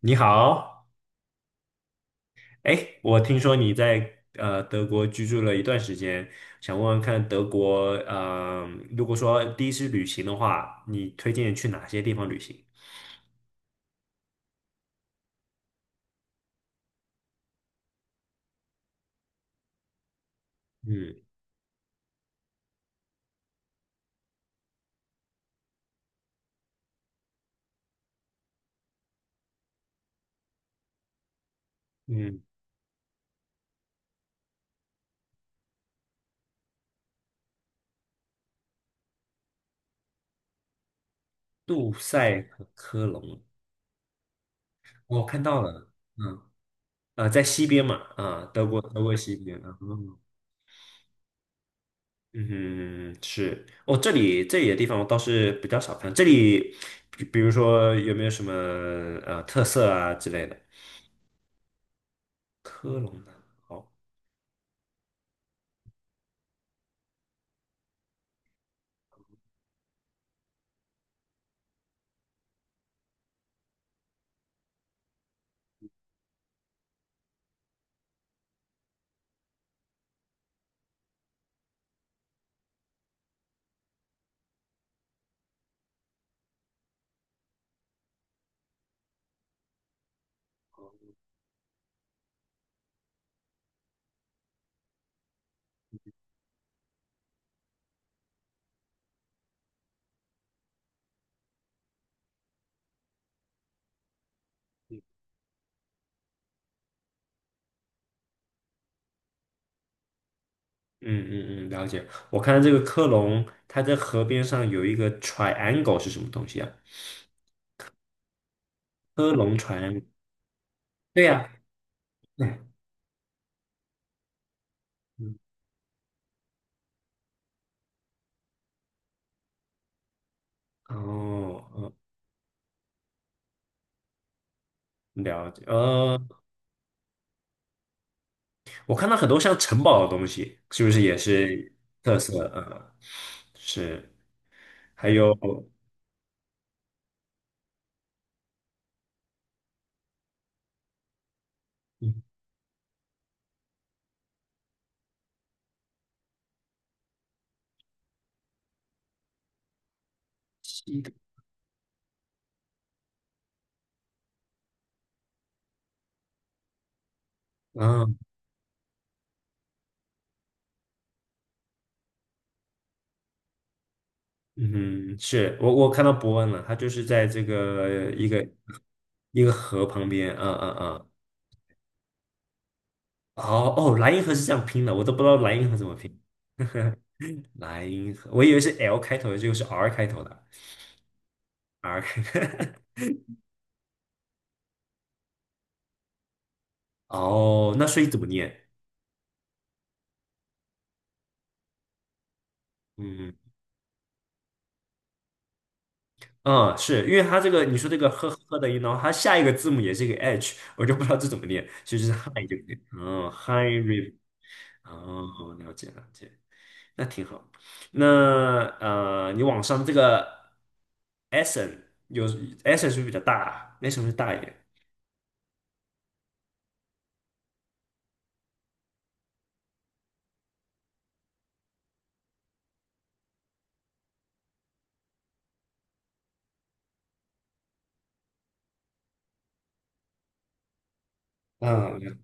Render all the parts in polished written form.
你好，哎，我听说你在德国居住了一段时间，想问问看德国，如果说第一次旅行的话，你推荐去哪些地方旅行？嗯嗯，杜塞和科隆，我看到了，嗯，在西边嘛，啊、德国西边，啊嗯嗯是，哦，这里的地方我倒是比较少看，这里比如说有没有什么特色啊之类的？科隆的，好。嗯嗯嗯，了解。我看到这个科隆，它在河边上有一个 triangle 是什么东西啊？科隆 triangle，对呀、对，嗯，哦，嗯，了解。我看到很多像城堡的东西，是不是也是特色？是，还有，嗯，西的嗯嗯，是我看到伯恩了，他就是在这个一个河旁边，嗯嗯嗯，哦哦，莱茵河是这样拼的，我都不知道莱茵河怎么拼。莱茵河，我以为是 L 开头的，结果是 R 开头的，R 开头。哦，那所以怎么念？嗯嗯，是因为它这个你说这个呵呵的音，然后它下一个字母也是一个 H，我就不知道这怎么念，所以就是 Hi 就可以。嗯，Hi River。哦，了解了解，那挺好。那你网上这个 Essen 是不是比较大？Essen 是不是大一点？嗯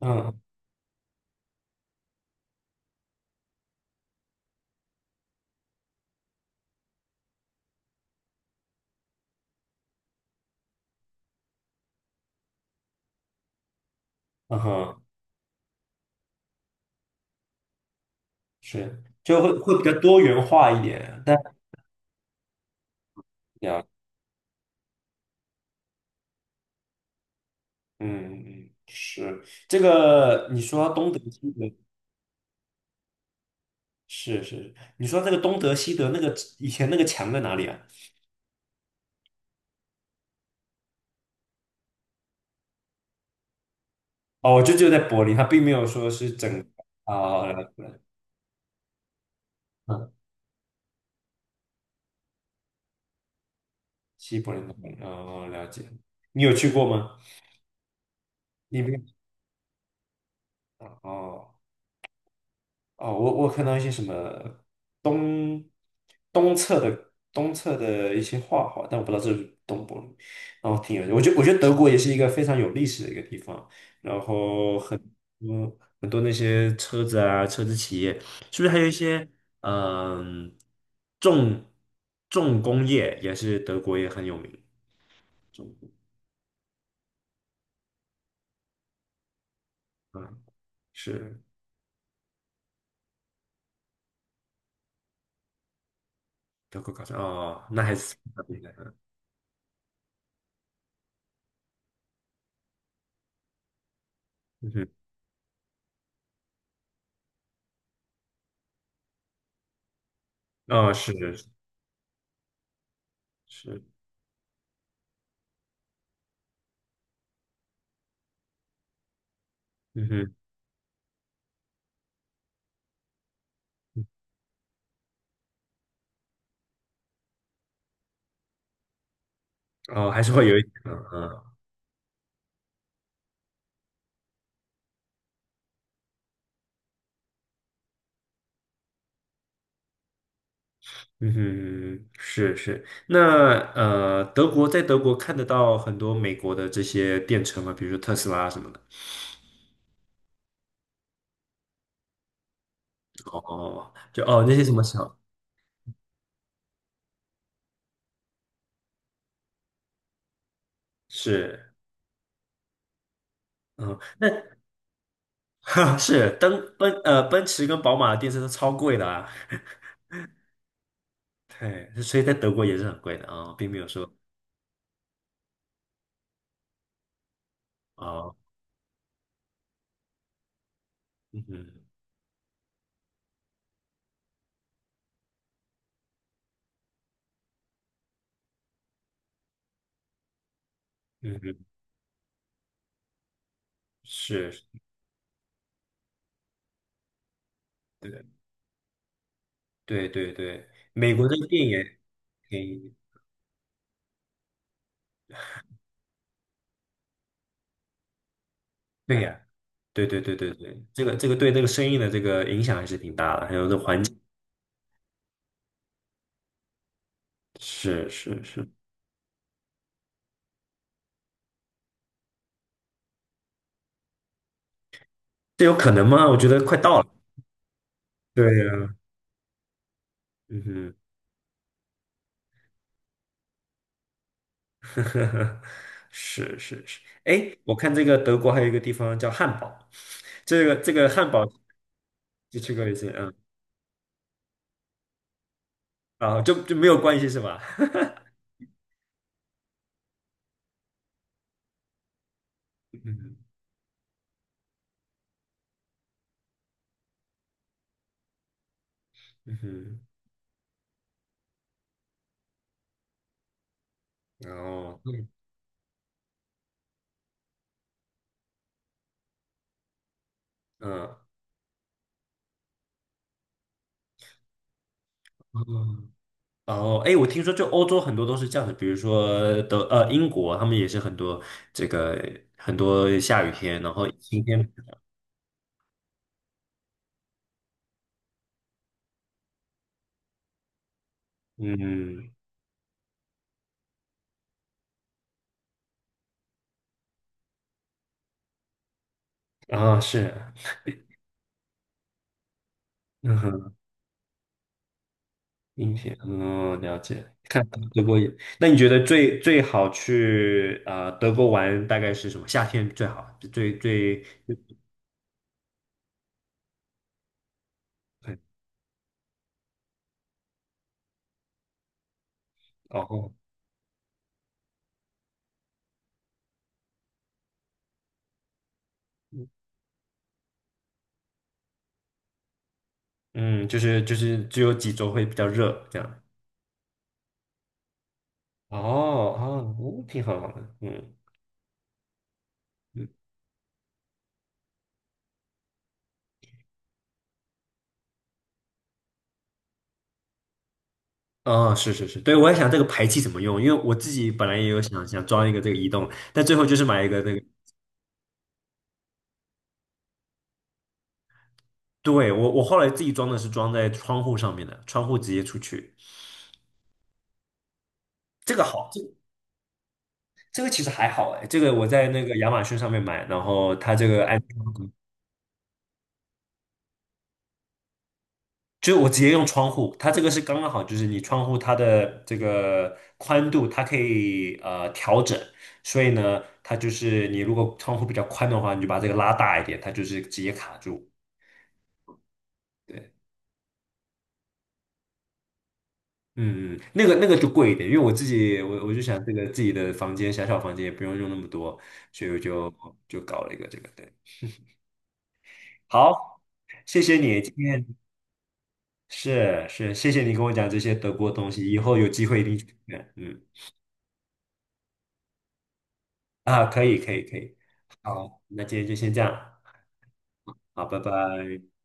嗯嗯哼，是，就会比较多元化一点，但呀，嗯嗯，是这个，你说东德西德，是是，你说这个东德西德那个以前那个墙在哪里啊？哦，就在柏林，它并没有说是整个啊，了解了嗯，西柏林的柏林，哦，了解，你有去过吗？你没有？哦。哦，我看到一些什么东东侧的一些画画，但我不知道这是东柏林，然后挺有趣。我觉得德国也是一个非常有历史的一个地方，然后很多很多那些车子啊，车子企业，是不是还有一些嗯重重工业也是德国也很有名？嗯，是德国搞的哦，那还是嗯哼，哦是是嗯哼，哦还是会有一点嗯嗯。嗯哼，是是。那德国在德国看得到很多美国的这些电车嘛，比如说特斯拉什么的。哦，就哦那些什么小是，嗯，那 哈是登奔驰跟宝马的电车都超贵的啊。对，所以在德国也是很贵的啊，并没有说啊，嗯哼嗯哼，是，对对对对，美国这个电也便宜，对呀。对对对对对，这个对那个生意的这个影响还是挺大的，还有这环境。是是是，这有可能吗？我觉得快到了。对呀、嗯哼，是是是。哎，我看这个德国还有一个地方叫汉堡，这个汉堡就去过一次，嗯，啊，就没有关系是吧？嗯嗯哼，然后嗯嗯嗯然后哎，我听说就欧洲很多都是这样的，比如说英国，他们也是很多这个很多下雨天，然后晴天，嗯啊是，嗯哼。音频，嗯，了解。看德国也，那你觉得最最好去啊、德国玩大概是什么？夏天最好，就最最最哦，嗯，就是只有几周会比较热这样。哦哦，嗯挺好的，嗯嗯，哦，是是是，对，我也想这个排气怎么用，因为我自己本来也有想想装一个这个移动，但最后就是买一个那个，对，我后来自己装的是装在窗户上面的，窗户直接出去，这个好，这个其实还好哎，这个我在那个亚马逊上面买，然后它这个安，就是我直接用窗户，它这个是刚刚好，就是你窗户它的这个宽度它可以调整，所以呢，它就是你如果窗户比较宽的话，你就把这个拉大一点，它就是直接卡住。对，嗯，嗯，那个就贵一点，因为我自己我就想这个自己的房间小房间也不用用那么多，所以我就搞了一个这个，对，好，谢谢你今天。是是，谢谢你跟我讲这些德国东西，以后有机会一定去看嗯，啊，可以可以可以，好，那今天就先这样，好，拜拜。